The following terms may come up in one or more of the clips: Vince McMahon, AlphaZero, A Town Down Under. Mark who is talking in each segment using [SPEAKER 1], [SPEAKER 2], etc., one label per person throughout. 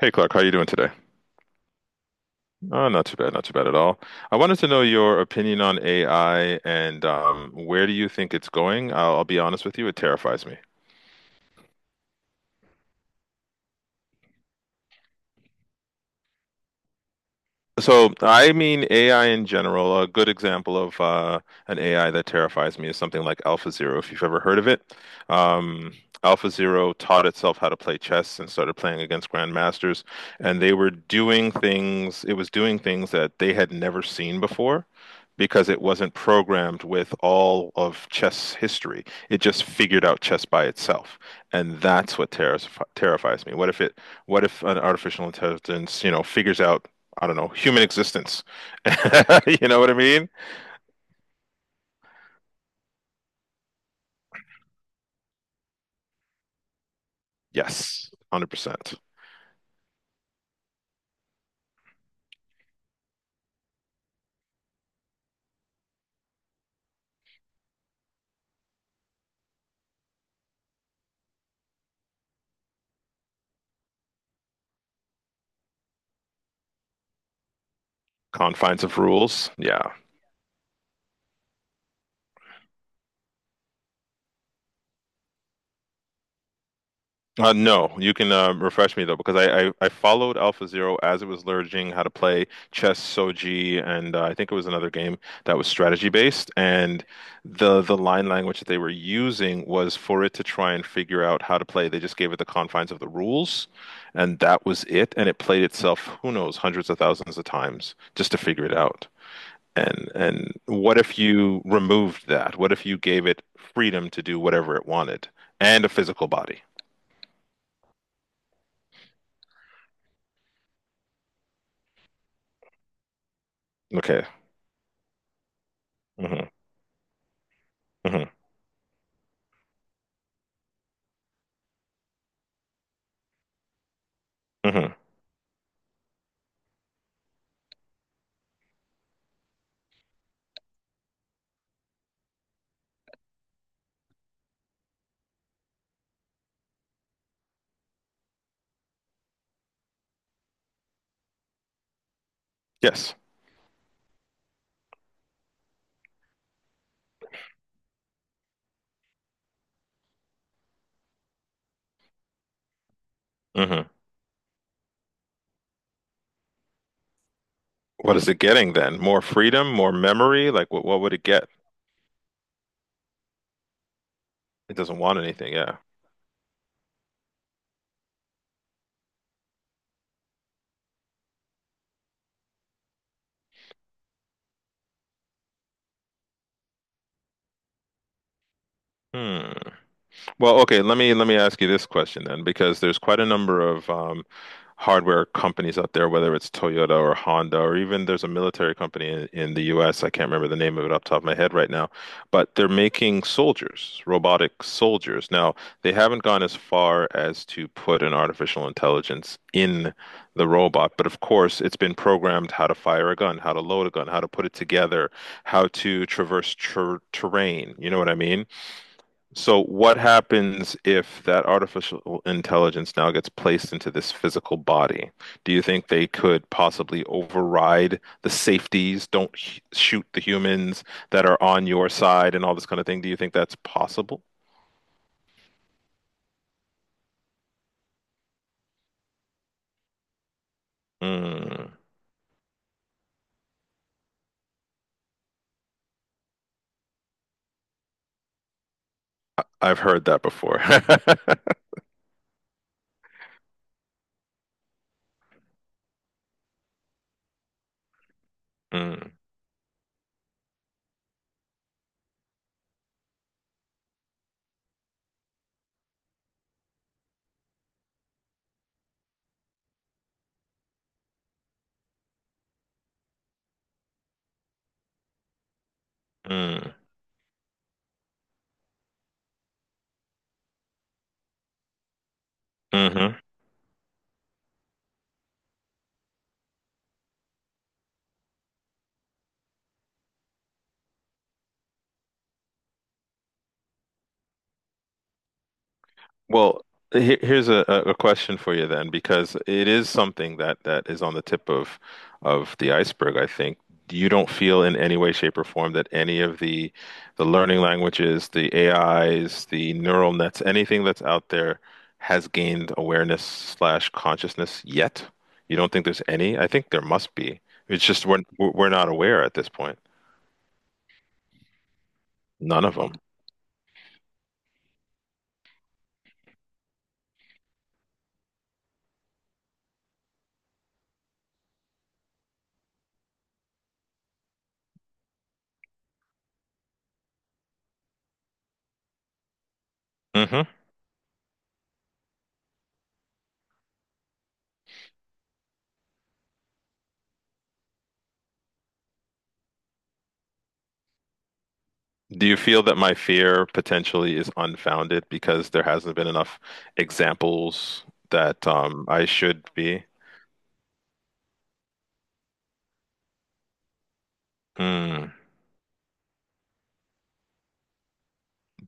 [SPEAKER 1] Hey Clark, how are you doing today? Oh, not too bad, not too bad at all. I wanted to know your opinion on AI and where do you think it's going? I'll be honest with you, it terrifies me. So I mean AI in general. A good example of an AI that terrifies me is something like AlphaZero, if you've ever heard of it. Um, AlphaZero taught itself how to play chess and started playing against grandmasters, and they were doing things. It was doing things that they had never seen before. Because it wasn't programmed with all of chess history. It just figured out chess by itself. And that's what terris terrifies me. What if an artificial intelligence, figures out I don't know, human existence. You know what I mean? Yes, 100%. Confines of rules. Yeah. No, you can refresh me though, because I followed AlphaZero as it was learning how to play chess, Soji, and I think it was another game that was strategy based. And the line language that they were using was for it to try and figure out how to play. They just gave it the confines of the rules, and that was it. And it played itself, who knows, hundreds of thousands of times just to figure it out. And what if you removed that? What if you gave it freedom to do whatever it wanted and a physical body? Okay. Mm-hmm. Mm-hmm. Hmm. Yes. Mm-hmm. What is it getting then? More freedom, more memory? Like what would it get? It doesn't want anything, yeah. Hmm. Well, okay, let me ask you this question then, because there's quite a number of hardware companies out there, whether it's Toyota or Honda, or even there's a military company in the US. I can't remember the name of it off the top of my head right now, but they're making soldiers, robotic soldiers. Now, they haven't gone as far as to put an artificial intelligence in the robot, but of course, it's been programmed how to fire a gun, how to load a gun, how to put it together, how to traverse terrain. You know what I mean? So what happens if that artificial intelligence now gets placed into this physical body? Do you think they could possibly override the safeties, don't sh shoot the humans that are on your side and all this kind of thing? Do you think that's possible? Mm. I've heard that before. Mm. Mm. Mhm. Well, here's a question for you then, because it is something that is on the tip of the iceberg, I think. You don't feel in any way, shape, or form that any of the learning languages, the AIs, the neural nets, anything that's out there has gained awareness slash consciousness yet? You don't think there's any? I think there must be. It's just we're not aware at this point. None of them. Do you feel that my fear potentially is unfounded because there hasn't been enough examples that I should be? Hmm.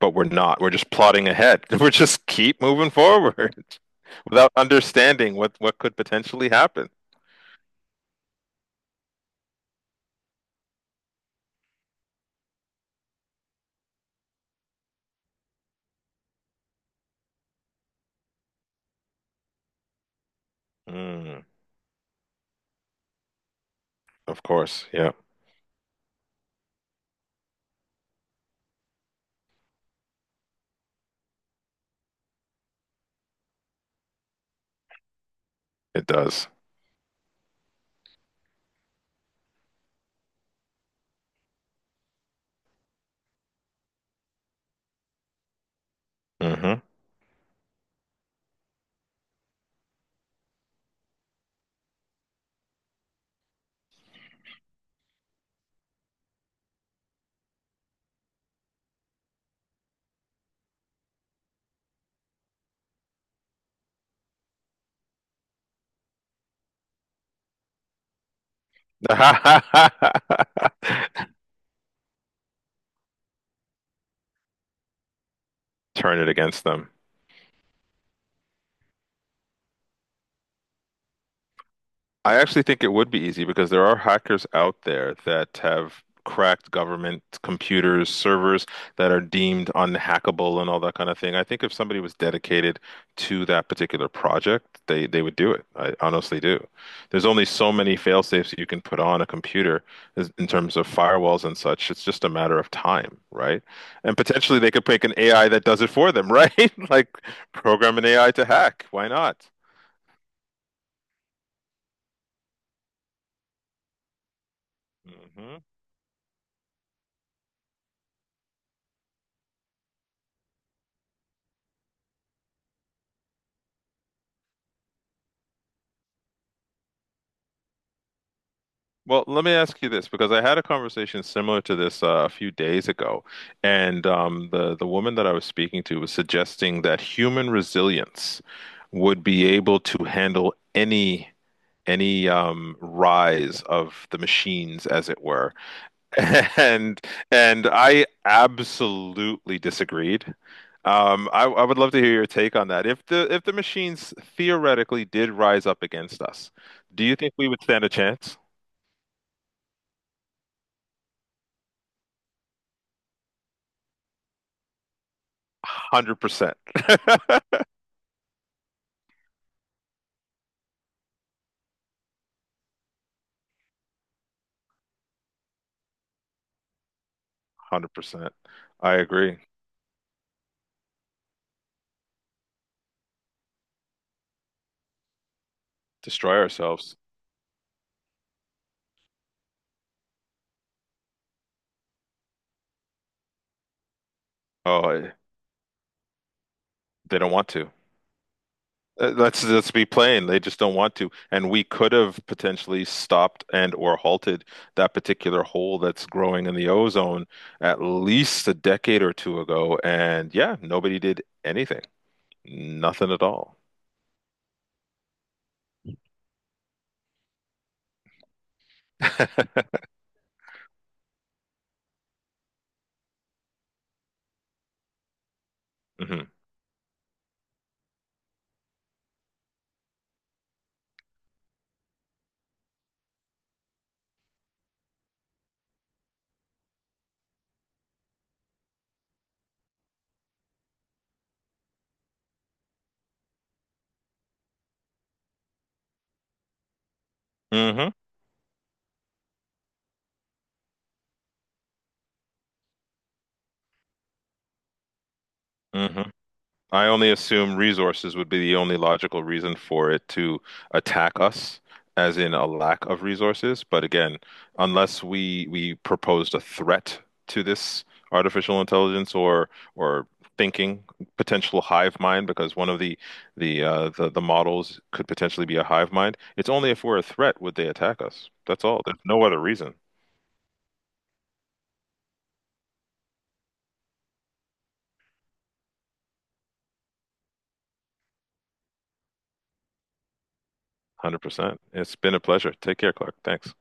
[SPEAKER 1] But we're not. We're just plodding ahead. We're just keep moving forward without understanding what could potentially happen. Hmm. Of course. Yeah, it does. Hmm. Turn it against them. I actually think it would be easy because there are hackers out there that have cracked government computers, servers that are deemed unhackable and all that kind of thing. I think if somebody was dedicated to that particular project, they would do it. I honestly do. There's only so many fail safes you can put on a computer in terms of firewalls and such. It's just a matter of time, right? And potentially they could make an AI that does it for them, right? Like program an AI to hack. Why not? Hmm. Well, let me ask you this because I had a conversation similar to this a few days ago, and the woman that I was speaking to was suggesting that human resilience would be able to handle any rise of the machines, as it were, and and I absolutely disagreed. I would love to hear your take on that. If the machines theoretically did rise up against us, do you think we would stand a chance? 100%. 100%. I agree. Destroy ourselves. Oh, they don't want to. Let's be plain. They just don't want to. And we could have potentially stopped and or halted that particular hole that's growing in the ozone at least a decade or two ago. And yeah, nobody did anything. Nothing at all. Hmm. Hmm. Hmm. I only assume resources would be the only logical reason for it to attack us, as in a lack of resources. But again, unless we proposed a threat to this artificial intelligence or thinking potential hive mind, because one of the models could potentially be a hive mind. It's only if we're a threat would they attack us. That's all. There's no other reason. 100%. It's been a pleasure. Take care, Clark. Thanks.